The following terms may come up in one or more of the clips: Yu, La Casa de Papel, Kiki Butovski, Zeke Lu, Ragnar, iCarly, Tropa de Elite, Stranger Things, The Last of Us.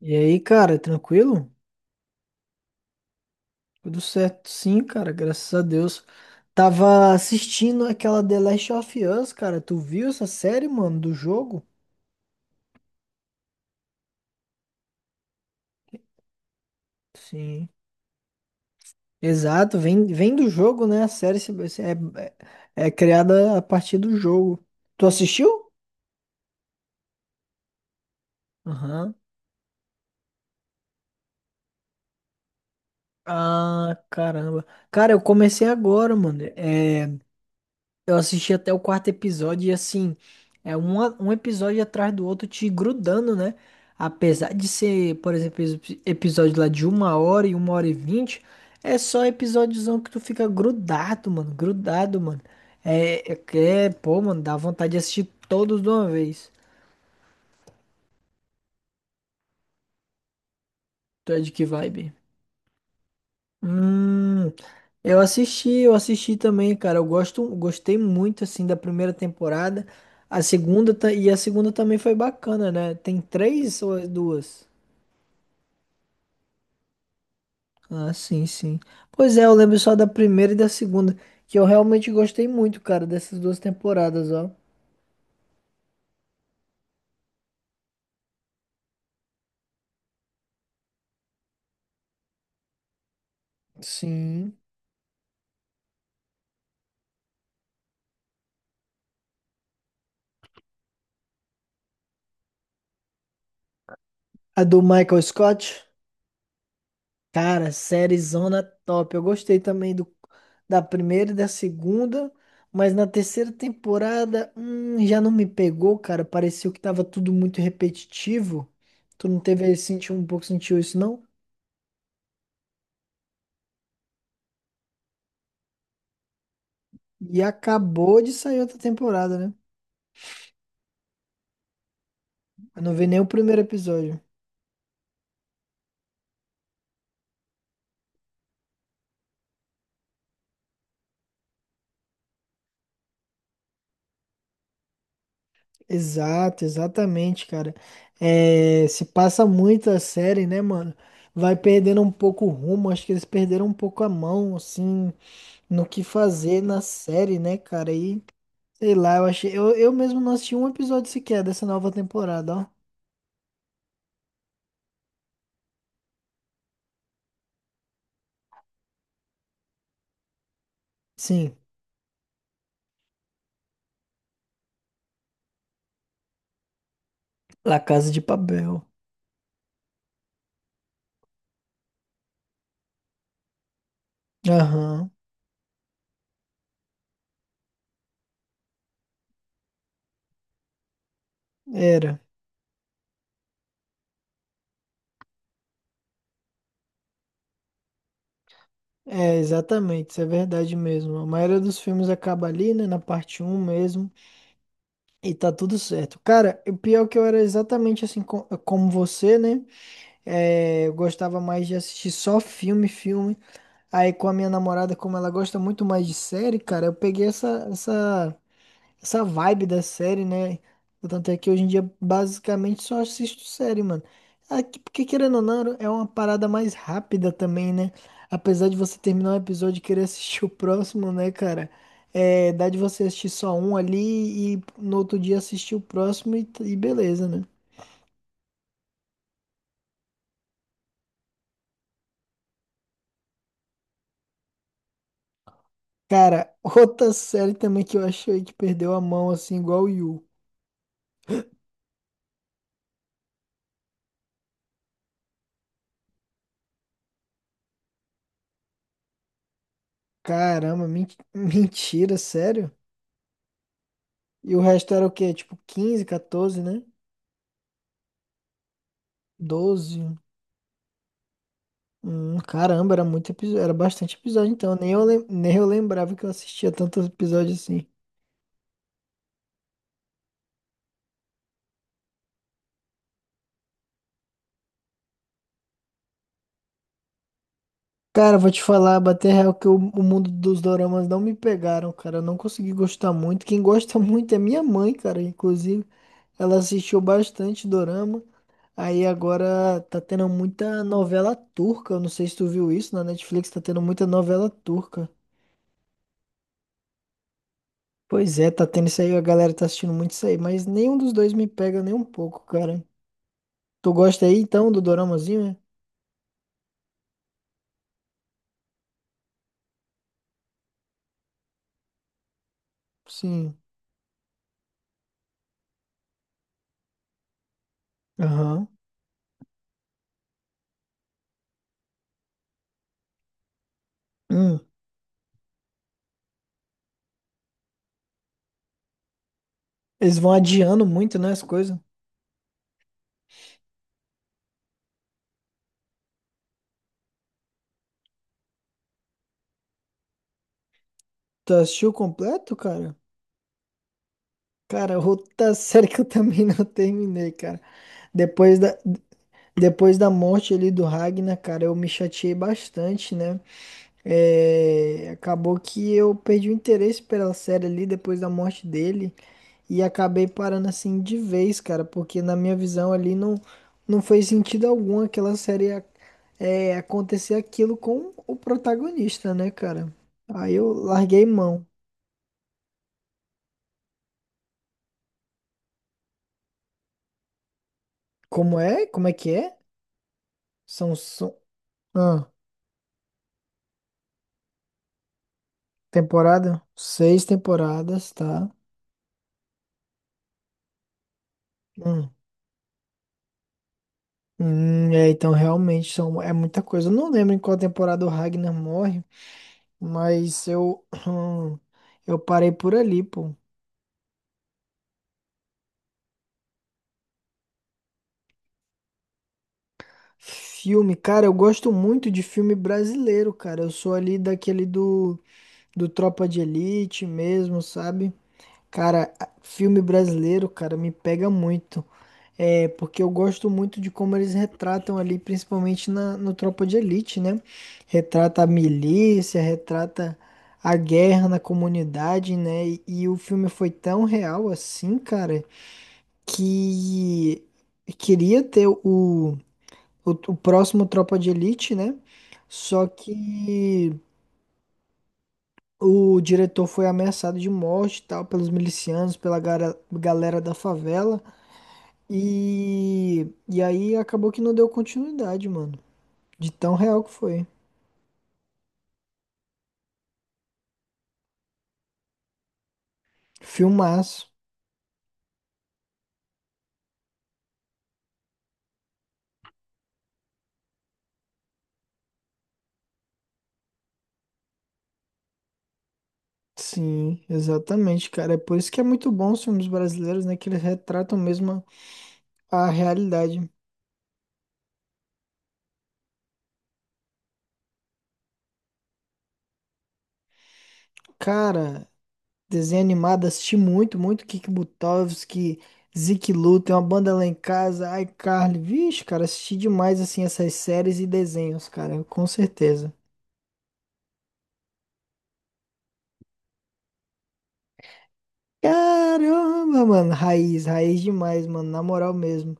E aí, cara, tranquilo? Tudo certo? Sim, cara, graças a Deus. Tava assistindo aquela The Last of Us, cara. Tu viu essa série, mano, do jogo? Sim. Exato, vem do jogo, né? A série é criada a partir do jogo. Tu assistiu? Aham. Ah, caramba. Cara, eu comecei agora, mano. É. Eu assisti até o quarto episódio e assim, é um episódio atrás do outro te grudando, né? Apesar de ser, por exemplo, episódio lá de uma hora e vinte, é só episódiozão que tu fica grudado, mano, grudado, mano. Pô, mano, dá vontade de assistir todos de uma vez. Tu é de que vibe? Hum, eu assisti também, cara. Gostei muito assim da primeira temporada. A segunda ta- e a segunda também foi bacana, né? Tem três ou é duas? Ah, sim. Pois é, eu lembro só da primeira e da segunda, que eu realmente gostei muito, cara, dessas duas temporadas, ó. Sim. A do Michael Scott? Cara, sériezona top. Eu gostei também do, da primeira e da segunda, mas na terceira temporada, já não me pegou, cara. Pareceu que tava tudo muito repetitivo. Tu não teve, sentiu um pouco, sentiu isso, não? E acabou de sair outra temporada, né? Eu não vi nem o primeiro episódio. Exato, exatamente, cara. É, se passa muito a série, né, mano? Vai perdendo um pouco o rumo. Acho que eles perderam um pouco a mão, assim. No que fazer na série, né, cara? E sei lá, eu achei. Eu mesmo não assisti um episódio sequer dessa nova temporada, ó. Sim, La Casa de Papel. Aham, era. É, exatamente, isso é verdade mesmo. A maioria dos filmes acaba ali, né, na parte um mesmo, e tá tudo certo. Cara, o pior é que eu era exatamente assim como você, né? É, eu gostava mais de assistir só filme, filme. Aí com a minha namorada, como ela gosta muito mais de série, cara, eu peguei essa vibe da série, né? Tanto é que hoje em dia basicamente só assisto série, mano. Aqui, porque querendo ou não, é uma parada mais rápida também, né? Apesar de você terminar um episódio e querer assistir o próximo, né, cara? É, dá de você assistir só um ali e no outro dia assistir o próximo e beleza, né? Cara, outra série também que eu achei que perdeu a mão, assim, igual o Yu. Caramba, mentira, sério? E o resto era o quê? Tipo 15, 14, né? 12. Caramba, era muito episódio, era bastante episódio, então nem eu lembrava que eu assistia tantos episódios assim. Cara, vou te falar, bater real que o mundo dos doramas não me pegaram, cara. Eu não consegui gostar muito. Quem gosta muito é minha mãe, cara. Inclusive, ela assistiu bastante dorama. Aí agora tá tendo muita novela turca. Eu não sei se tu viu isso na Netflix, tá tendo muita novela turca. Pois é, tá tendo isso aí, a galera tá assistindo muito isso aí, mas nenhum dos dois me pega nem um pouco, cara. Tu gosta aí então do doramazinho, é? Sim. Aham. Hum. Eles vão adiando muito, né, as coisas. Tu assistiu completo, cara? Cara, outra série que eu também não terminei, cara. Depois da, depois da morte ali do Ragnar, cara, eu me chateei bastante, né? É, acabou que eu perdi o interesse pela série ali depois da morte dele. E acabei parando assim de vez, cara, porque na minha visão ali não, não fez sentido algum aquela série acontecer aquilo com o protagonista, né, cara? Aí eu larguei mão. Como é? Como é que é? São, são... Ah, temporada? Seis temporadas, tá? Hum. É, então realmente são, é muita coisa. Eu não lembro em qual temporada o Ragnar morre, mas eu, eu parei por ali, pô. Filme, cara, eu gosto muito de filme brasileiro, cara. Eu sou ali do Tropa de Elite mesmo, sabe? Cara, filme brasileiro, cara, me pega muito. É, porque eu gosto muito de como eles retratam ali, principalmente no Tropa de Elite, né? Retrata a milícia, retrata a guerra na comunidade, né? E o filme foi tão real assim, cara, que queria ter o próximo Tropa de Elite, né? Só que o diretor foi ameaçado de morte, e tal, pelos milicianos, pela galera da favela. E aí acabou que não deu continuidade, mano. De tão real que foi. Filmaço. Sim, exatamente, cara. É por isso que é muito bom os filmes brasileiros, né? Que eles retratam mesmo a realidade. Cara, desenho animado, assisti muito, muito Kiki Butovski, Zeke Lu, tem uma banda lá em casa, iCarly. Vixe, cara, assisti demais, assim, essas séries e desenhos, cara, com certeza. Caramba, mano, raiz, raiz demais, mano, na moral mesmo.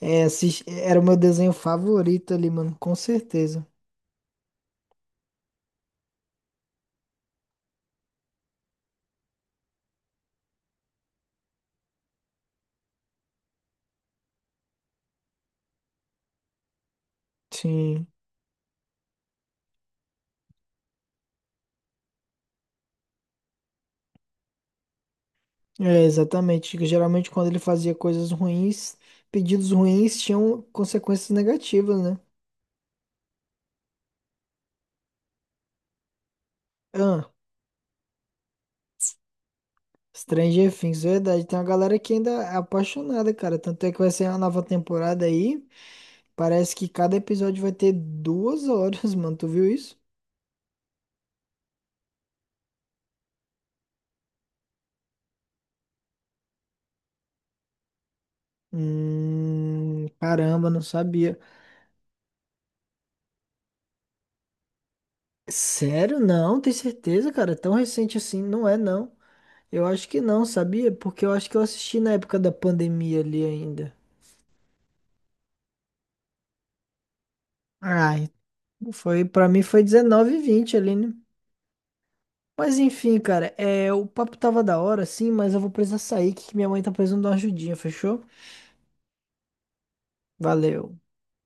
É, era o meu desenho favorito ali, mano, com certeza. Sim, é, exatamente. Geralmente quando ele fazia coisas ruins, pedidos ruins tinham consequências negativas, né? Ah. Stranger Things, verdade. Tem uma galera que ainda é apaixonada, cara. Tanto é que vai ser uma nova temporada aí. Parece que cada episódio vai ter duas horas, mano. Tu viu isso? Caramba, não sabia. Sério? Não, tem certeza, cara? Tão recente assim, não é, não. Eu acho que não, sabia? Porque eu acho que eu assisti na época da pandemia ali ainda. Ai, foi, pra mim foi 19 e 20 ali, né? Mas enfim, cara, é, o papo tava da hora, sim, mas eu vou precisar sair, que minha mãe tá precisando de uma ajudinha, fechou? Valeu.